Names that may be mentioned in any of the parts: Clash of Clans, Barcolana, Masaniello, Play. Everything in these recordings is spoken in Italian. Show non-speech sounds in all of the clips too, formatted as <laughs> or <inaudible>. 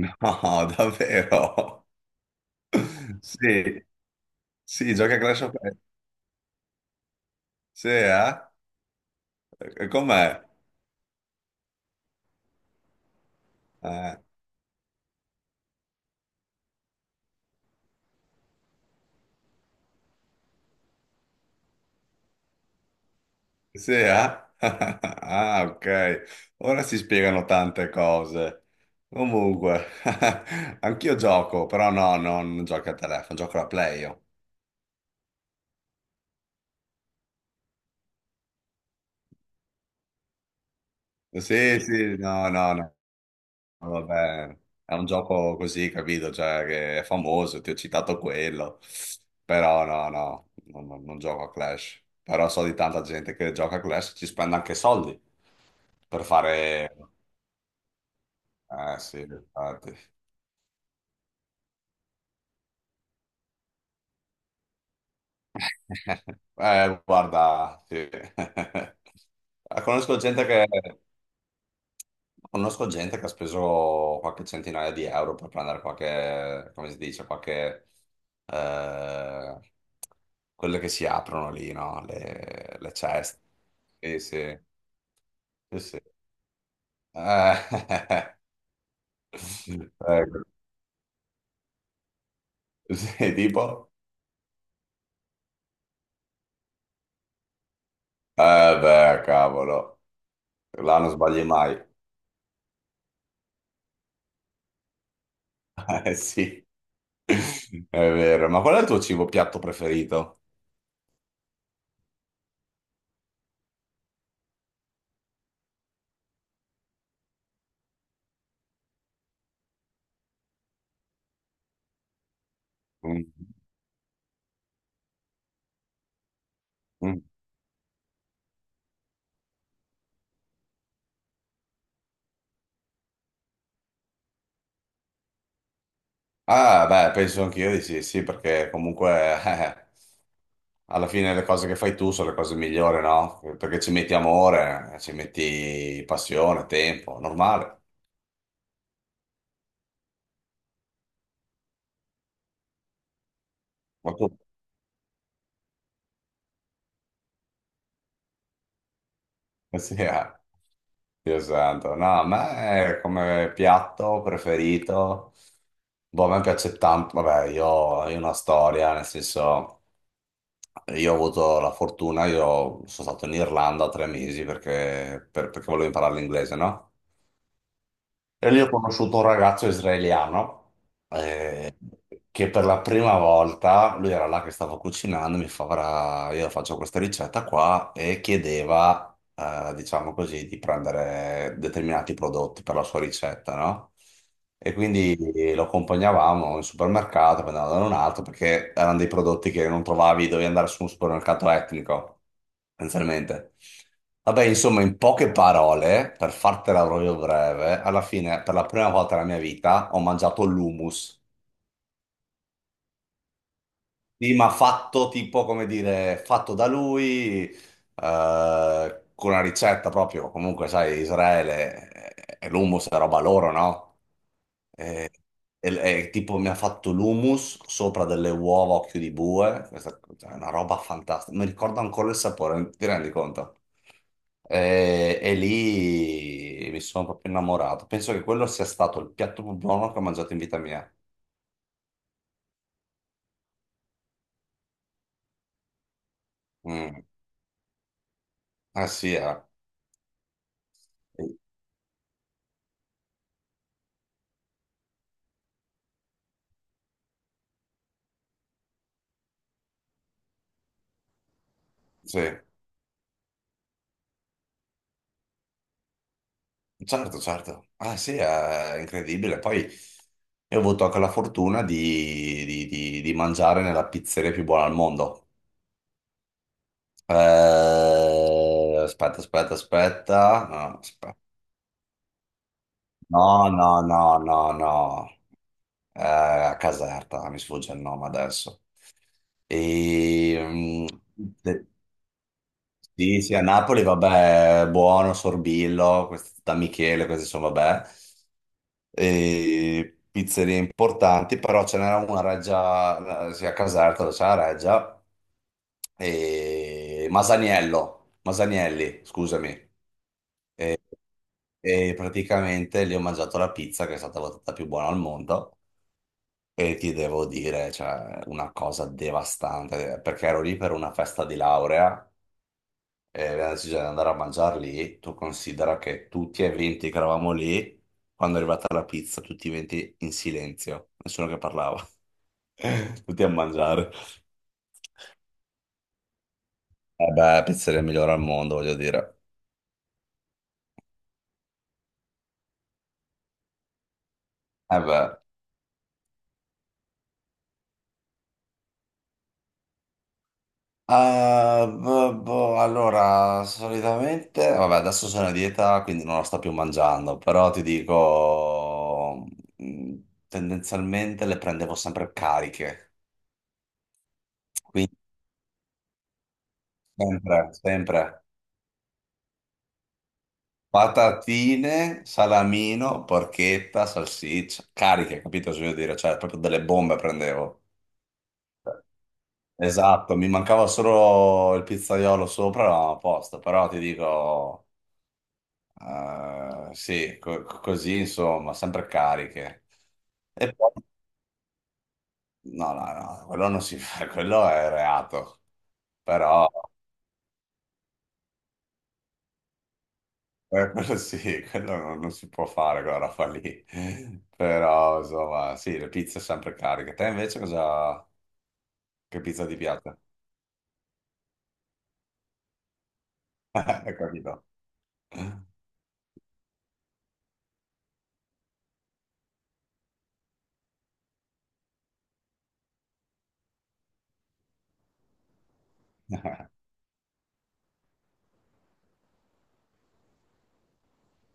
No, <laughs> davvero? Sì, sì, gioca a Clash of Clans. Sì, eh? E com'è? Eh, sì, eh? <laughs> Ah, ok. Ora si spiegano tante cose. Comunque, <laughs> anch'io gioco, però no, no, non gioco a telefono, gioco alla Play io. Sì, sì, no, no, no. Vabbè, è un gioco così, capito? Cioè, che è famoso, ti ho citato quello. Però no, no, non gioco a Clash. Però so di tanta gente che gioca a Clash e ci spende anche soldi per fare... Eh sì, infatti. <laughs> Guarda, sì. <laughs> Conosco gente che... Conosco gente che ha speso qualche centinaia di euro per prendere qualche, come si dice, qualche, eh, quelle che si aprono lì, no? Le ceste. Sì, sì, sì, sì. Eh, <laughs> ecco. Sì, tipo, eh beh, cavolo, là non sbagli mai. Eh sì, <laughs> è vero. Ma qual è il tuo cibo piatto preferito? Mm, mm. Ah, beh, penso anch'io di sì, sì, perché comunque... <laughs> alla fine le cose che fai tu sono le cose migliori, no? Perché ci metti amore, ci metti passione, tempo, normale. Ma tu? <laughs> Eh sì, eh. Dio santo. No, a me come piatto preferito, boh, a me piace tanto, vabbè, io ho una storia, nel senso, io ho avuto la fortuna, io sono stato in Irlanda 3 mesi perché, perché volevo imparare l'inglese, no? E lì ho conosciuto un ragazzo israeliano eh, che per la prima volta, lui era là che stava cucinando, mi fa, "Guarda, io faccio questa ricetta qua e chiedeva, diciamo così, di prendere determinati prodotti per la sua ricetta, no? E quindi lo accompagnavamo in supermercato, poi andavamo da un altro, perché erano dei prodotti che non trovavi, dovevi andare su un supermercato etnico, essenzialmente. Vabbè, insomma, in poche parole, per fartela proprio breve, alla fine, per la prima volta nella mia vita, ho mangiato l'hummus. Sì, ma fatto tipo, come dire, fatto da lui, con una ricetta proprio, comunque, sai, Israele, l'hummus è roba loro, no? E- e tipo mi ha fatto l'hummus sopra delle uova a occhio di bue, questa cioè, è una roba fantastica, mi ricordo ancora il sapore, ti rendi conto? E lì mi sono proprio innamorato, penso che quello sia stato il piatto più buono che ho mangiato in vita mia. Mm. Sì, eh. Sì, certo, certo. Ah sì, è incredibile. Poi io ho avuto anche la fortuna di mangiare nella pizzeria più buona al mondo. Aspetta, aspetta, aspetta. No, aspetta. No, no, no, no, no. A Caserta, mi sfugge il nome adesso. E, de- sì, sì, a Napoli, vabbè, buono, Sorbillo, questi- da Michele, questi sono, vabbè. E pizzerie importanti, però ce n'era una a Reggia, sì, a Caserta, dove c'è la Reggia, e Masaniello, Masanielli, scusami. E, e praticamente lì ho mangiato la pizza che è stata votata più buona al mondo e ti devo dire, cioè, una cosa devastante, perché ero lì per una festa di laurea e abbiamo deciso di andare a mangiare lì. Tu considera che tutti e 20 che eravamo lì, quando è arrivata la pizza, tutti e 20 in silenzio, nessuno che parlava, <laughs> tutti a mangiare. Eh beh, pizzeria migliore al mondo, voglio dire. Eh beh. Ah, boh, boh, allora, solitamente, vabbè, adesso sono a dieta, quindi non la sto più mangiando, però ti dico, mh, tendenzialmente le prendevo sempre cariche, quindi sempre, sempre patatine, salamino, porchetta, salsiccia, cariche, capito cosa voglio dire? Cioè, proprio delle bombe prendevo. Esatto, mi mancava solo il pizzaiolo sopra, eravamo a posto, però ti dico... sì, così insomma, sempre cariche. E poi, no, no, no, quello non si fa, <laughs> quello è reato, però quello <laughs> sì, quello non si può fare quella roba lì. Però insomma, sì, le pizze sempre cariche. Te invece cosa, che pizza ti piace? <laughs> Hai capito? <laughs>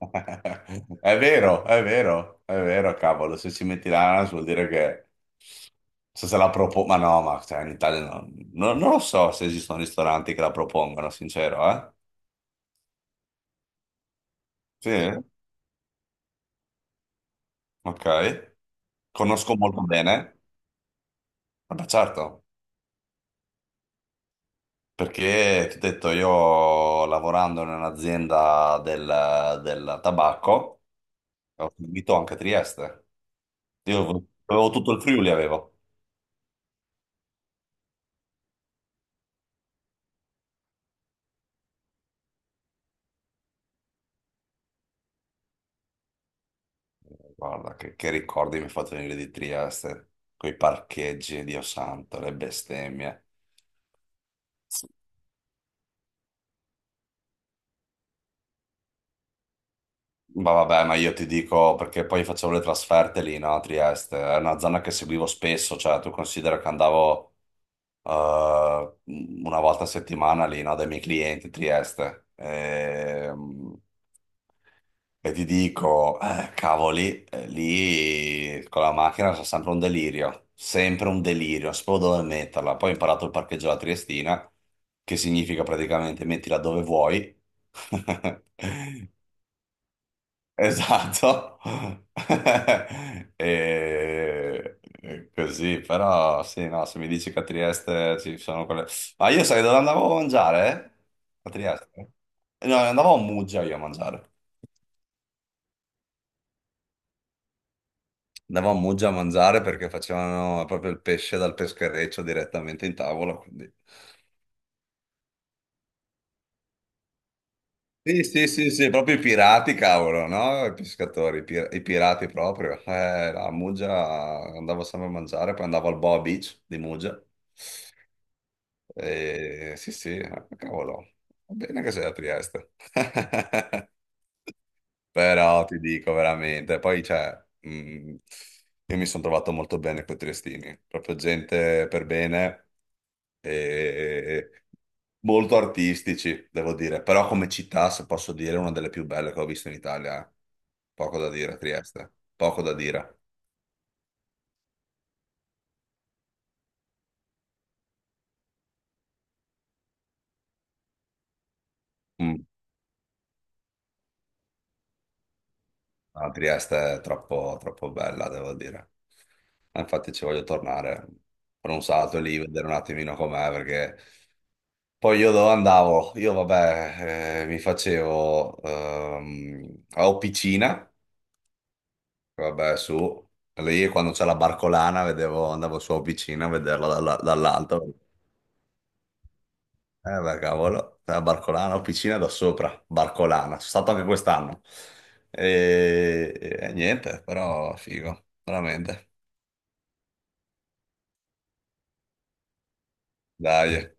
<laughs> È vero, è vero, è vero, cavolo, se ci metti l'ananas vuol dire che... So se la propongo, ma no, ma cioè, in Italia non lo so se esistono ristoranti che la propongono, sincero, eh? Sì, ok. Conosco molto bene, vabbè certo, perché ti ho detto, io lavorando in un'azienda del tabacco, ho seguito anche Trieste. Io avevo tutto il Friuli, avevo. Guarda, che ricordi mi hai fatto venire di Trieste, quei parcheggi, Dio santo, le bestemmie. Ma vabbè, ma io ti dico, perché poi facevo le trasferte lì, no, a Trieste, è una zona che seguivo spesso, cioè tu considera che andavo eh, una volta a settimana lì, no, dai miei clienti a Trieste. E ti dico, cavoli, lì con la macchina c'è sempre un delirio, non sapevo dove metterla. Poi ho imparato il parcheggio alla Triestina, che significa praticamente mettila dove vuoi. <laughs> Esatto. <laughs> E... e così, però sì, no, se mi dici che a Trieste ci sono quelle... Ma io sai dove andavo a mangiare? Eh? A Trieste? No, andavo a Muggia io a mangiare. Andavamo a Muggia a mangiare perché facevano proprio il pesce dal peschereccio direttamente in tavola. Sì, sì, sì, sì, proprio i pirati, cavolo, no? I pescatori, i pirati proprio. No, a Muggia andavo sempre a mangiare, poi andavo al Boa Beach di Muggia. E, sì, sì, cavolo, va bene che sei a Trieste. <laughs> Però ti dico veramente, poi cioè, io mi sono trovato molto bene con i triestini, proprio gente per bene e molto artistici, devo dire, però come città, se posso dire, è una delle più belle che ho visto in Italia, eh. Poco da dire, Trieste, poco da dire. Mm. No, Trieste è troppo, troppo bella, devo dire. Infatti ci voglio tornare per un salto lì, vedere un attimino com'è, perché poi io dove andavo? Io vabbè, mi facevo a piscina, vabbè su, lì quando c'è la barcolana vedevo, andavo su a piscina a vederla dall'alto, eh beh cavolo, la barcolana, ho piscina da sopra, barcolana, sono stato anche quest'anno e, e niente, però figo, veramente, dai.